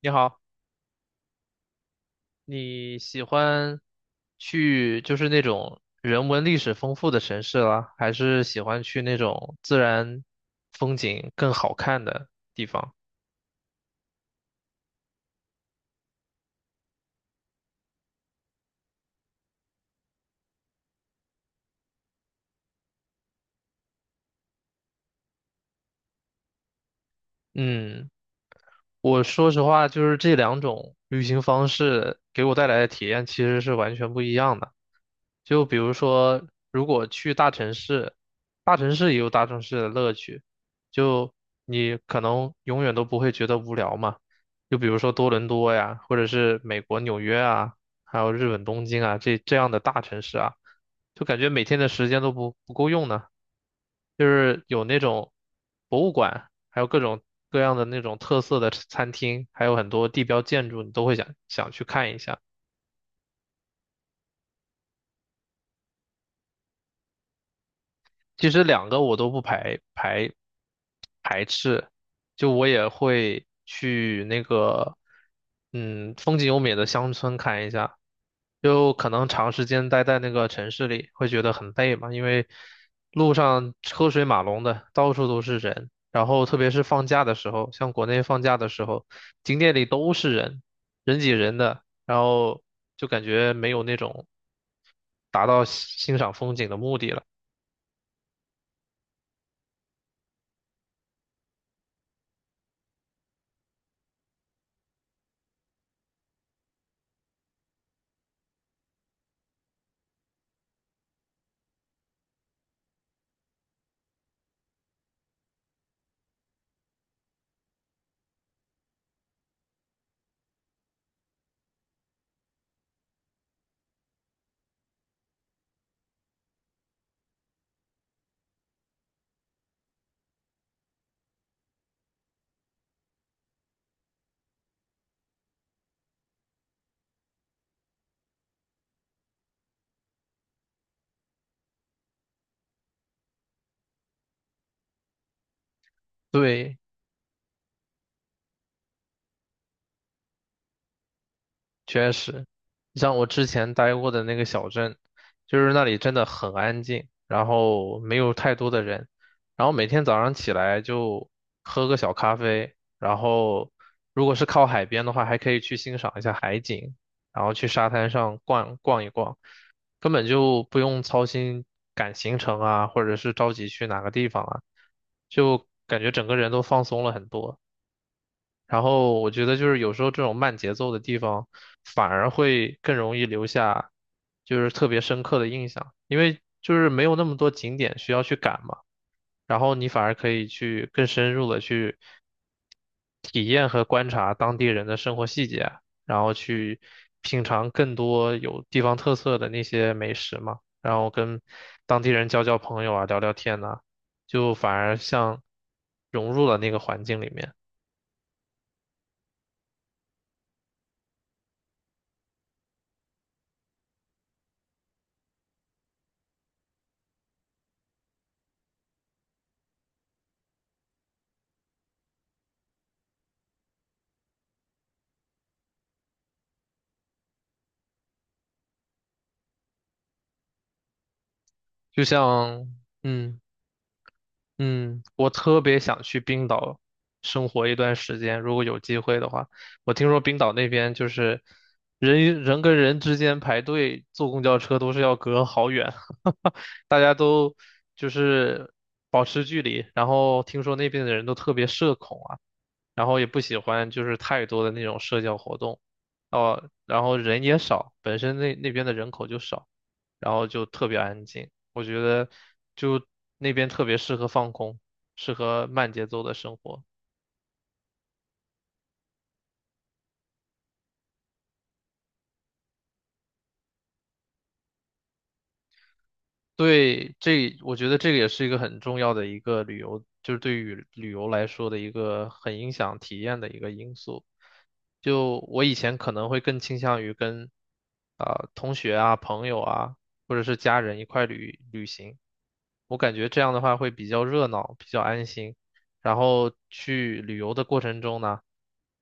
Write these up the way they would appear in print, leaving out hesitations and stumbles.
你好，你喜欢去就是那种人文历史丰富的城市啦，还是喜欢去那种自然风景更好看的地方？嗯。我说实话，就是这两种旅行方式给我带来的体验其实是完全不一样的。就比如说，如果去大城市，大城市也有大城市的乐趣，就你可能永远都不会觉得无聊嘛。就比如说多伦多呀，或者是美国纽约啊，还有日本东京啊，这样的大城市啊。就感觉每天的时间都不够用呢。就是有那种博物馆，还有各种各样的那种特色的餐厅，还有很多地标建筑，你都会想去看一下。其实两个我都不排斥，就我也会去那个，风景优美的乡村看一下。就可能长时间待在那个城市里，会觉得很累嘛，因为路上车水马龙的，到处都是人。然后特别是放假的时候，像国内放假的时候，景点里都是人，人挤人的，然后就感觉没有那种达到欣赏风景的目的了。对。确实，像我之前待过的那个小镇，就是那里真的很安静，然后没有太多的人，然后每天早上起来就喝个小咖啡，然后如果是靠海边的话，还可以去欣赏一下海景，然后去沙滩上逛一逛，根本就不用操心赶行程啊，或者是着急去哪个地方啊，就感觉整个人都放松了很多。然后我觉得就是有时候这种慢节奏的地方，反而会更容易留下就是特别深刻的印象，因为就是没有那么多景点需要去赶嘛，然后你反而可以去更深入的去体验和观察当地人的生活细节，然后去品尝更多有地方特色的那些美食嘛，然后跟当地人交交朋友啊，聊聊天呐，就反而像融入了那个环境里面。就像，嗯嗯，我特别想去冰岛生活一段时间，如果有机会的话，我听说冰岛那边就是人与人跟人之间排队坐公交车都是要隔好远，大家都就是保持距离，然后听说那边的人都特别社恐啊。然后也不喜欢就是太多的那种社交活动，哦，然后人也少，本身那边的人口就少，然后就特别安静。我觉得就那边特别适合放空，适合慢节奏的生活。对，我觉得这个也是一个很重要的一个旅游，就是对于旅游来说的一个很影响体验的一个因素。就我以前可能会更倾向于跟啊、同学啊、朋友啊，或者是家人一块旅行，我感觉这样的话会比较热闹，比较安心。然后去旅游的过程中呢，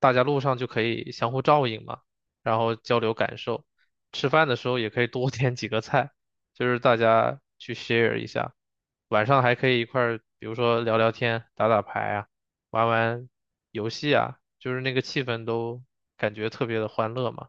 大家路上就可以相互照应嘛，然后交流感受，吃饭的时候也可以多点几个菜。就是大家去 share 一下，晚上还可以一块儿，比如说聊聊天、打打牌啊，玩玩游戏啊，就是那个气氛都感觉特别的欢乐嘛。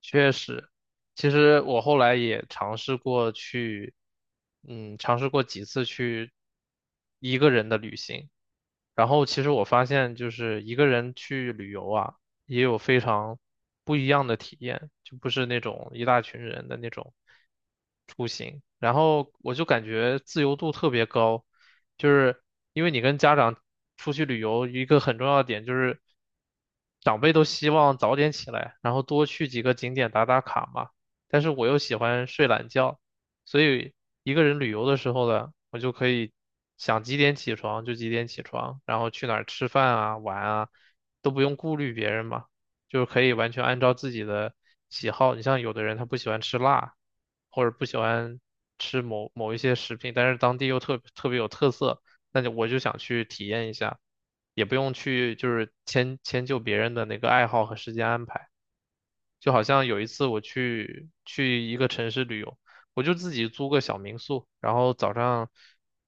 确实，其实我后来也尝试过去，尝试过几次去一个人的旅行。然后其实我发现，就是一个人去旅游啊，也有非常不一样的体验，就不是那种一大群人的那种出行。然后我就感觉自由度特别高，就是因为你跟家长出去旅游，一个很重要的点就是长辈都希望早点起来，然后多去几个景点打打卡嘛。但是我又喜欢睡懒觉。所以一个人旅游的时候呢，我就可以想几点起床就几点起床，然后去哪儿吃饭啊、玩啊，都不用顾虑别人嘛，就是可以完全按照自己的喜好。你像有的人他不喜欢吃辣，或者不喜欢吃某某一些食品，但是当地又特别有特色，那就我就想去体验一下，也不用去就是迁就别人的那个爱好和时间安排。就好像有一次我去一个城市旅游，我就自己租个小民宿，然后早上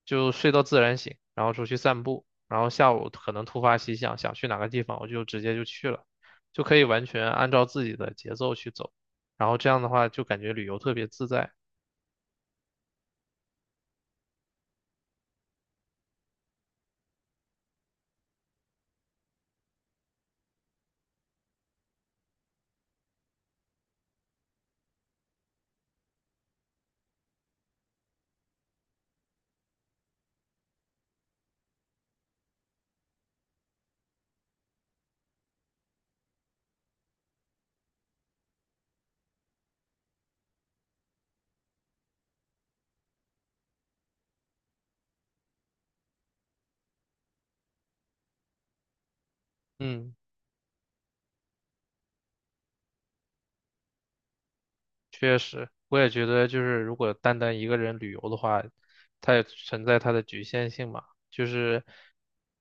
就睡到自然醒，然后出去散步，然后下午可能突发奇想，想去哪个地方，我就直接就去了，就可以完全按照自己的节奏去走，然后这样的话就感觉旅游特别自在。嗯。确实，我也觉得，就是如果单单一个人旅游的话，它也存在它的局限性嘛。就是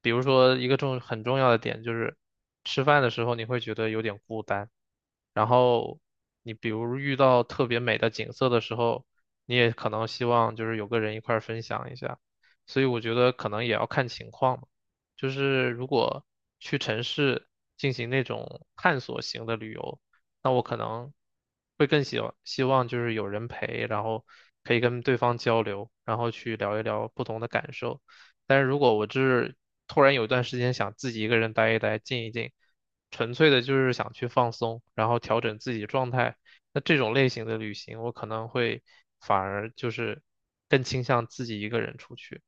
比如说一个很重要的点，就是吃饭的时候你会觉得有点孤单，然后你比如遇到特别美的景色的时候，你也可能希望就是有个人一块儿分享一下。所以我觉得可能也要看情况嘛。就是如果去城市进行那种探索型的旅游。那我可能会更希望就是有人陪，然后可以跟对方交流，然后去聊一聊不同的感受。但是如果我就是突然有一段时间想自己一个人待一待、静一静，纯粹的就是想去放松，然后调整自己状态，那这种类型的旅行，我可能会反而就是更倾向自己一个人出去。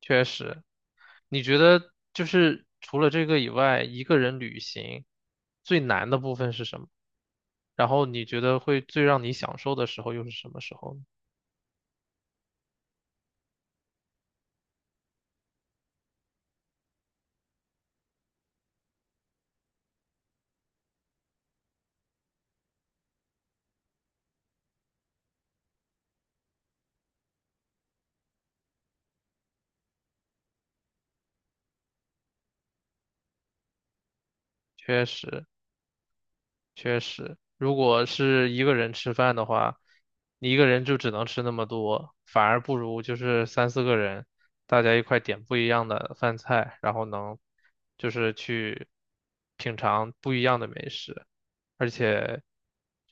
确实，你觉得就是除了这个以外，一个人旅行最难的部分是什么？然后你觉得会最让你享受的时候又是什么时候呢？确实。确实，如果是一个人吃饭的话，你一个人就只能吃那么多，反而不如就是三四个人，大家一块点不一样的饭菜，然后能就是去品尝不一样的美食，而且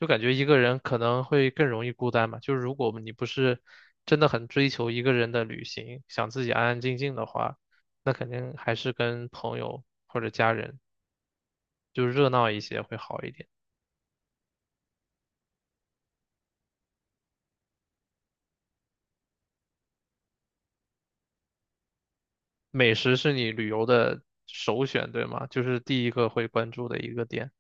就感觉一个人可能会更容易孤单嘛，就是如果你不是真的很追求一个人的旅行，想自己安安静静的话，那肯定还是跟朋友或者家人就热闹一些会好一点。美食是你旅游的首选，对吗？就是第一个会关注的一个点。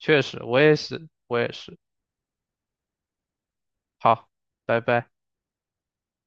确实，我也是，我也是。好，拜拜。